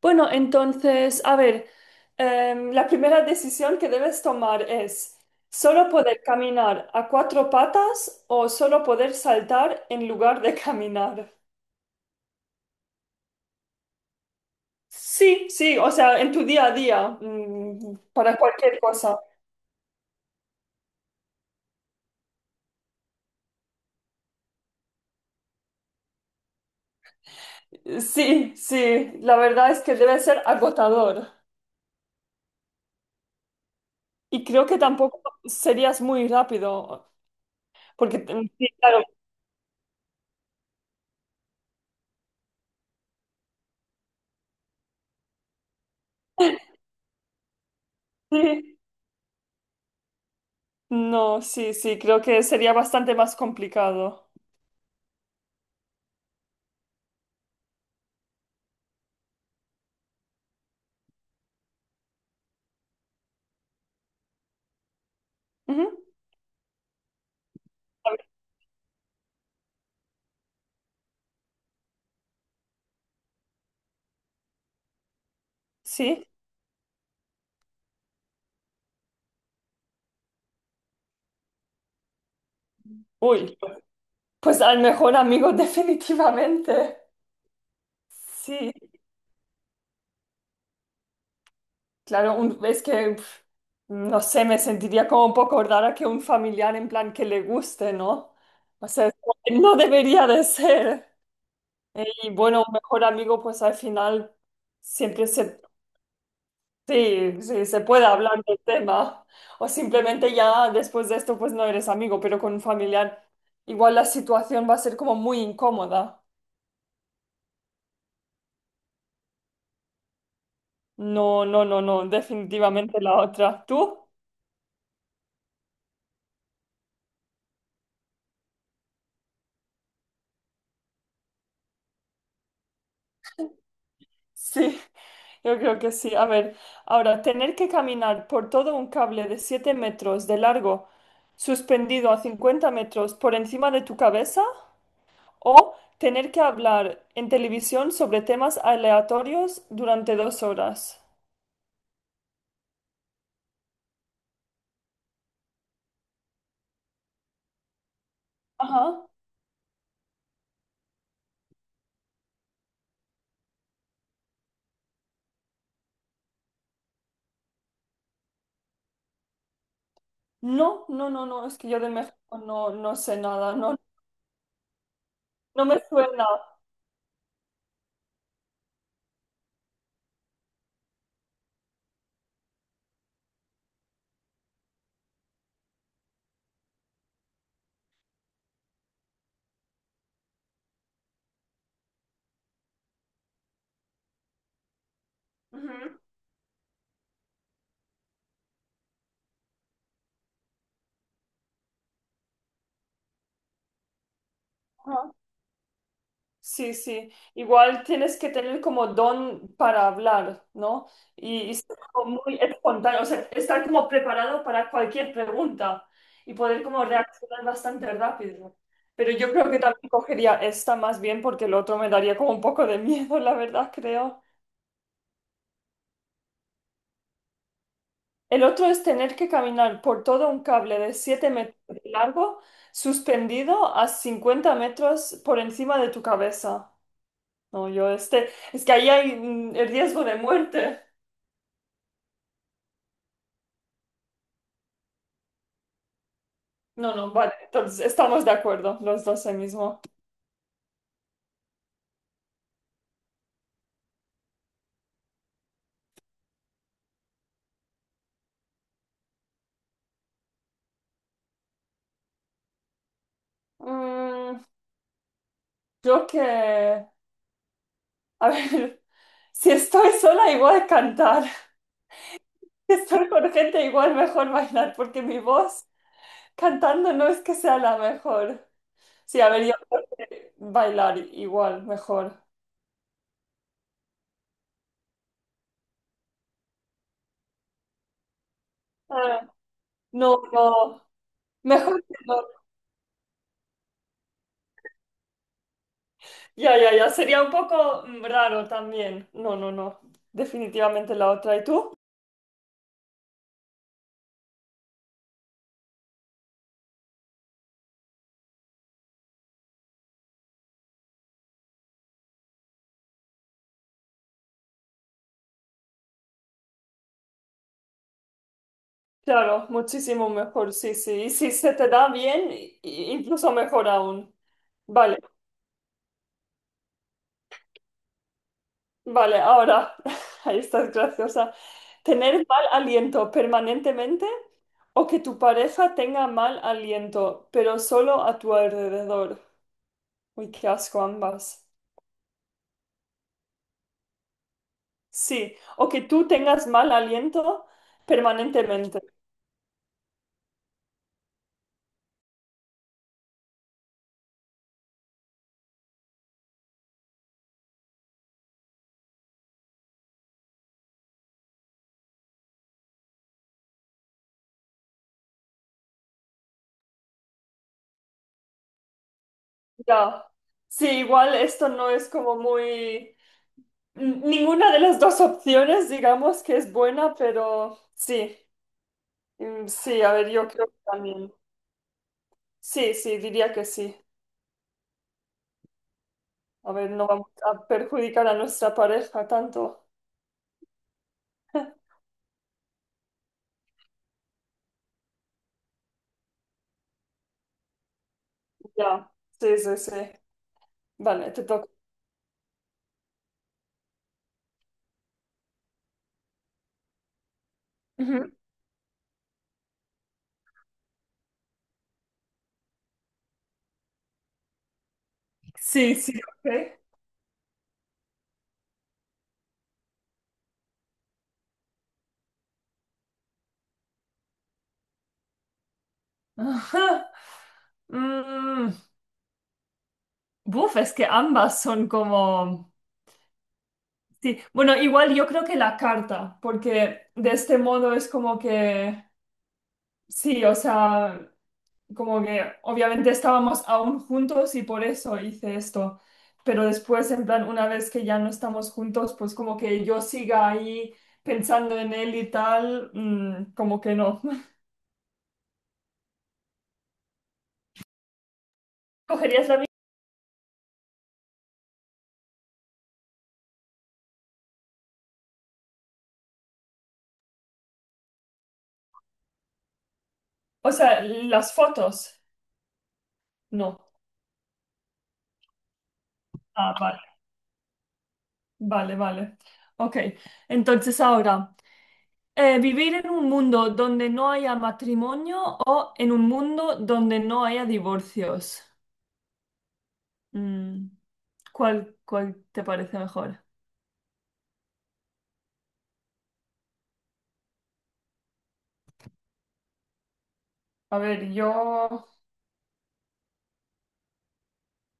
Bueno, entonces, a ver, la primera decisión que debes tomar es solo poder caminar a cuatro patas o solo poder saltar en lugar de caminar. Sí, sí, o sea, en tu día a día, para cualquier cosa. Sí, sí, la verdad es que debe ser agotador. Y creo que tampoco serías muy rápido, porque, sí, claro, sí, no, sí, sí, creo que sería bastante más complicado. Ujú. A ver, sí. Uy, pues al mejor amigo definitivamente. Sí, claro, es que, pf, no sé, me sentiría como un poco rara que un familiar en plan que le guste, ¿no? O sea, es como que no debería de ser. Y bueno, un mejor amigo, pues al final siempre se, sí, sí, se puede hablar del tema. O simplemente ya después de esto, pues no eres amigo, pero con un familiar igual la situación va a ser como muy incómoda. No, no, no, no, definitivamente la otra. ¿Tú? Sí, yo creo que sí. A ver, ahora, tener que caminar por todo un cable de 7 metros de largo, suspendido a 50 metros por encima de tu cabeza, o tener que hablar en televisión sobre temas aleatorios durante 2 horas. Ajá. No, no, no, no, es que yo de México no, no sé nada, no, no me suena. Ujú. Ajá. Sí, sí. Igual tienes que tener como don para hablar, ¿no? Y ser como muy espontáneo, o sea, estar como preparado para cualquier pregunta y poder como reaccionar bastante rápido. Pero yo creo que también cogería esta más bien porque el otro me daría como un poco de miedo, la verdad, creo. El otro es tener que caminar por todo un cable de siete metros de largo, suspendido a 50 metros por encima de tu cabeza. No, yo este, es que ahí hay el riesgo de muerte. No, no, vale, entonces estamos de acuerdo, los dos ahí mismo. Mm, yo que, a ver, si estoy sola igual cantar, si estoy con gente igual mejor bailar, porque mi voz cantando no es que sea la mejor. Sí, a ver, yo creo que bailar igual mejor. Ah, no, no, mejor que no. Ya, ya, ya, sería un poco raro también. No, no, no, definitivamente la otra. ¿Y tú? Claro, muchísimo mejor, sí, sí. Y si se te da bien, incluso mejor aún. Vale, vale, ahora, ahí estás graciosa. ¿Tener mal aliento permanentemente o que tu pareja tenga mal aliento, pero solo a tu alrededor? Uy, qué asco ambas. Sí, o que tú tengas mal aliento permanentemente. Ya. Sí, igual esto no es como muy... Ninguna de las dos opciones, digamos que es buena, pero sí, sí, a ver, yo creo que también. Sí, sí, diría que sí. A ver, no vamos a perjudicar a nuestra pareja tanto. Ya, sí, sí, sí. Vale, te toca. Ujú. Sí, sí, ok. Ajá. Mm, buf, es que ambas son como... Sí, bueno, igual yo creo que la carta, porque de este modo es como que... Sí, o sea, como que obviamente estábamos aún juntos y por eso hice esto, pero después, en plan, una vez que ya no estamos juntos, pues como que yo siga ahí pensando en él y tal, como que no. ¿Cogerías la misma? O sea, las fotos, no. Ah, vale, vale, vale. Ok, entonces ahora, ¿vivir en un mundo donde no haya matrimonio o en un mundo donde no haya divorcios? Mm. ¿Cuál, cuál te parece mejor? A ver, yo,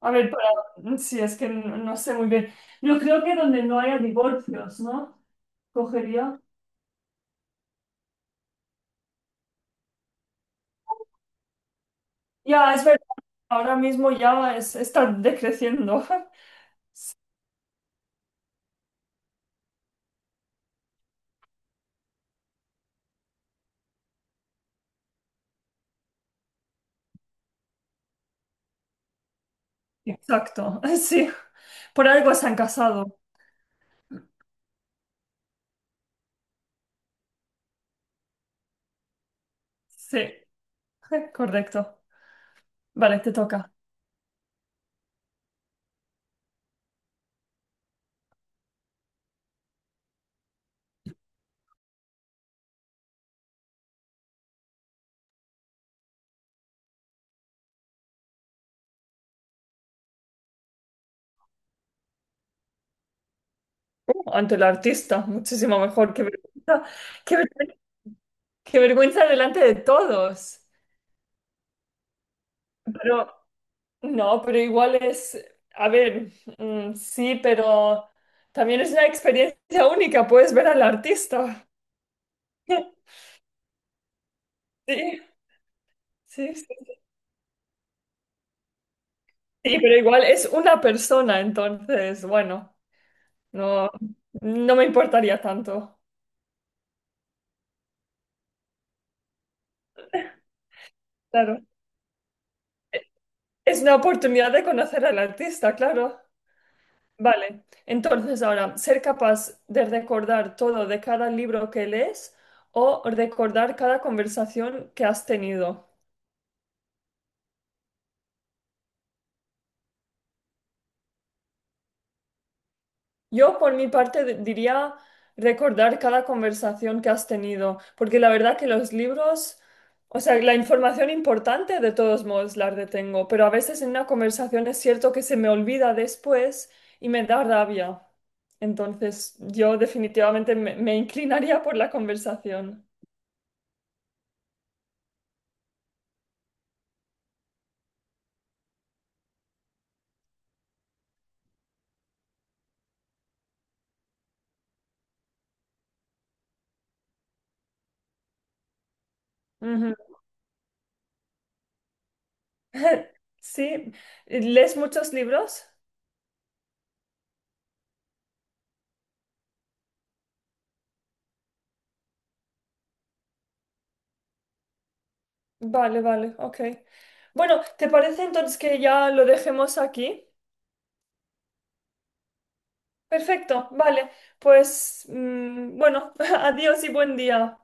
a ver, para, sí, es que no, no sé muy bien. Yo creo que donde no haya divorcios, ¿no? Cogería. Ya, es verdad, ahora mismo ya es, está decreciendo. Exacto, sí. Por algo se han casado. Sí, correcto. Vale, te toca. Ante el artista, muchísimo mejor. Qué vergüenza, qué vergüenza, qué vergüenza delante de todos. Pero No, pero igual es, a ver, sí, pero también es una experiencia única, puedes ver al artista. Sí, sí, sí, sí, sí, pero igual es una persona, entonces, bueno, no, no me importaría tanto. Claro. Es una oportunidad de conocer al artista, claro. Vale, entonces ahora, ser capaz de recordar todo de cada libro que lees o recordar cada conversación que has tenido. Yo, por mi parte, diría recordar cada conversación que has tenido, porque la verdad que los libros, o sea, la información importante de todos modos la retengo, pero a veces en una conversación es cierto que se me olvida después y me da rabia. Entonces, yo definitivamente me, me inclinaría por la conversación. Ujú. Sí, ¿lees muchos libros? Vale, vale, ok. Bueno, ¿te parece entonces que ya lo dejemos aquí? Perfecto, vale. Pues bueno, adiós y buen día.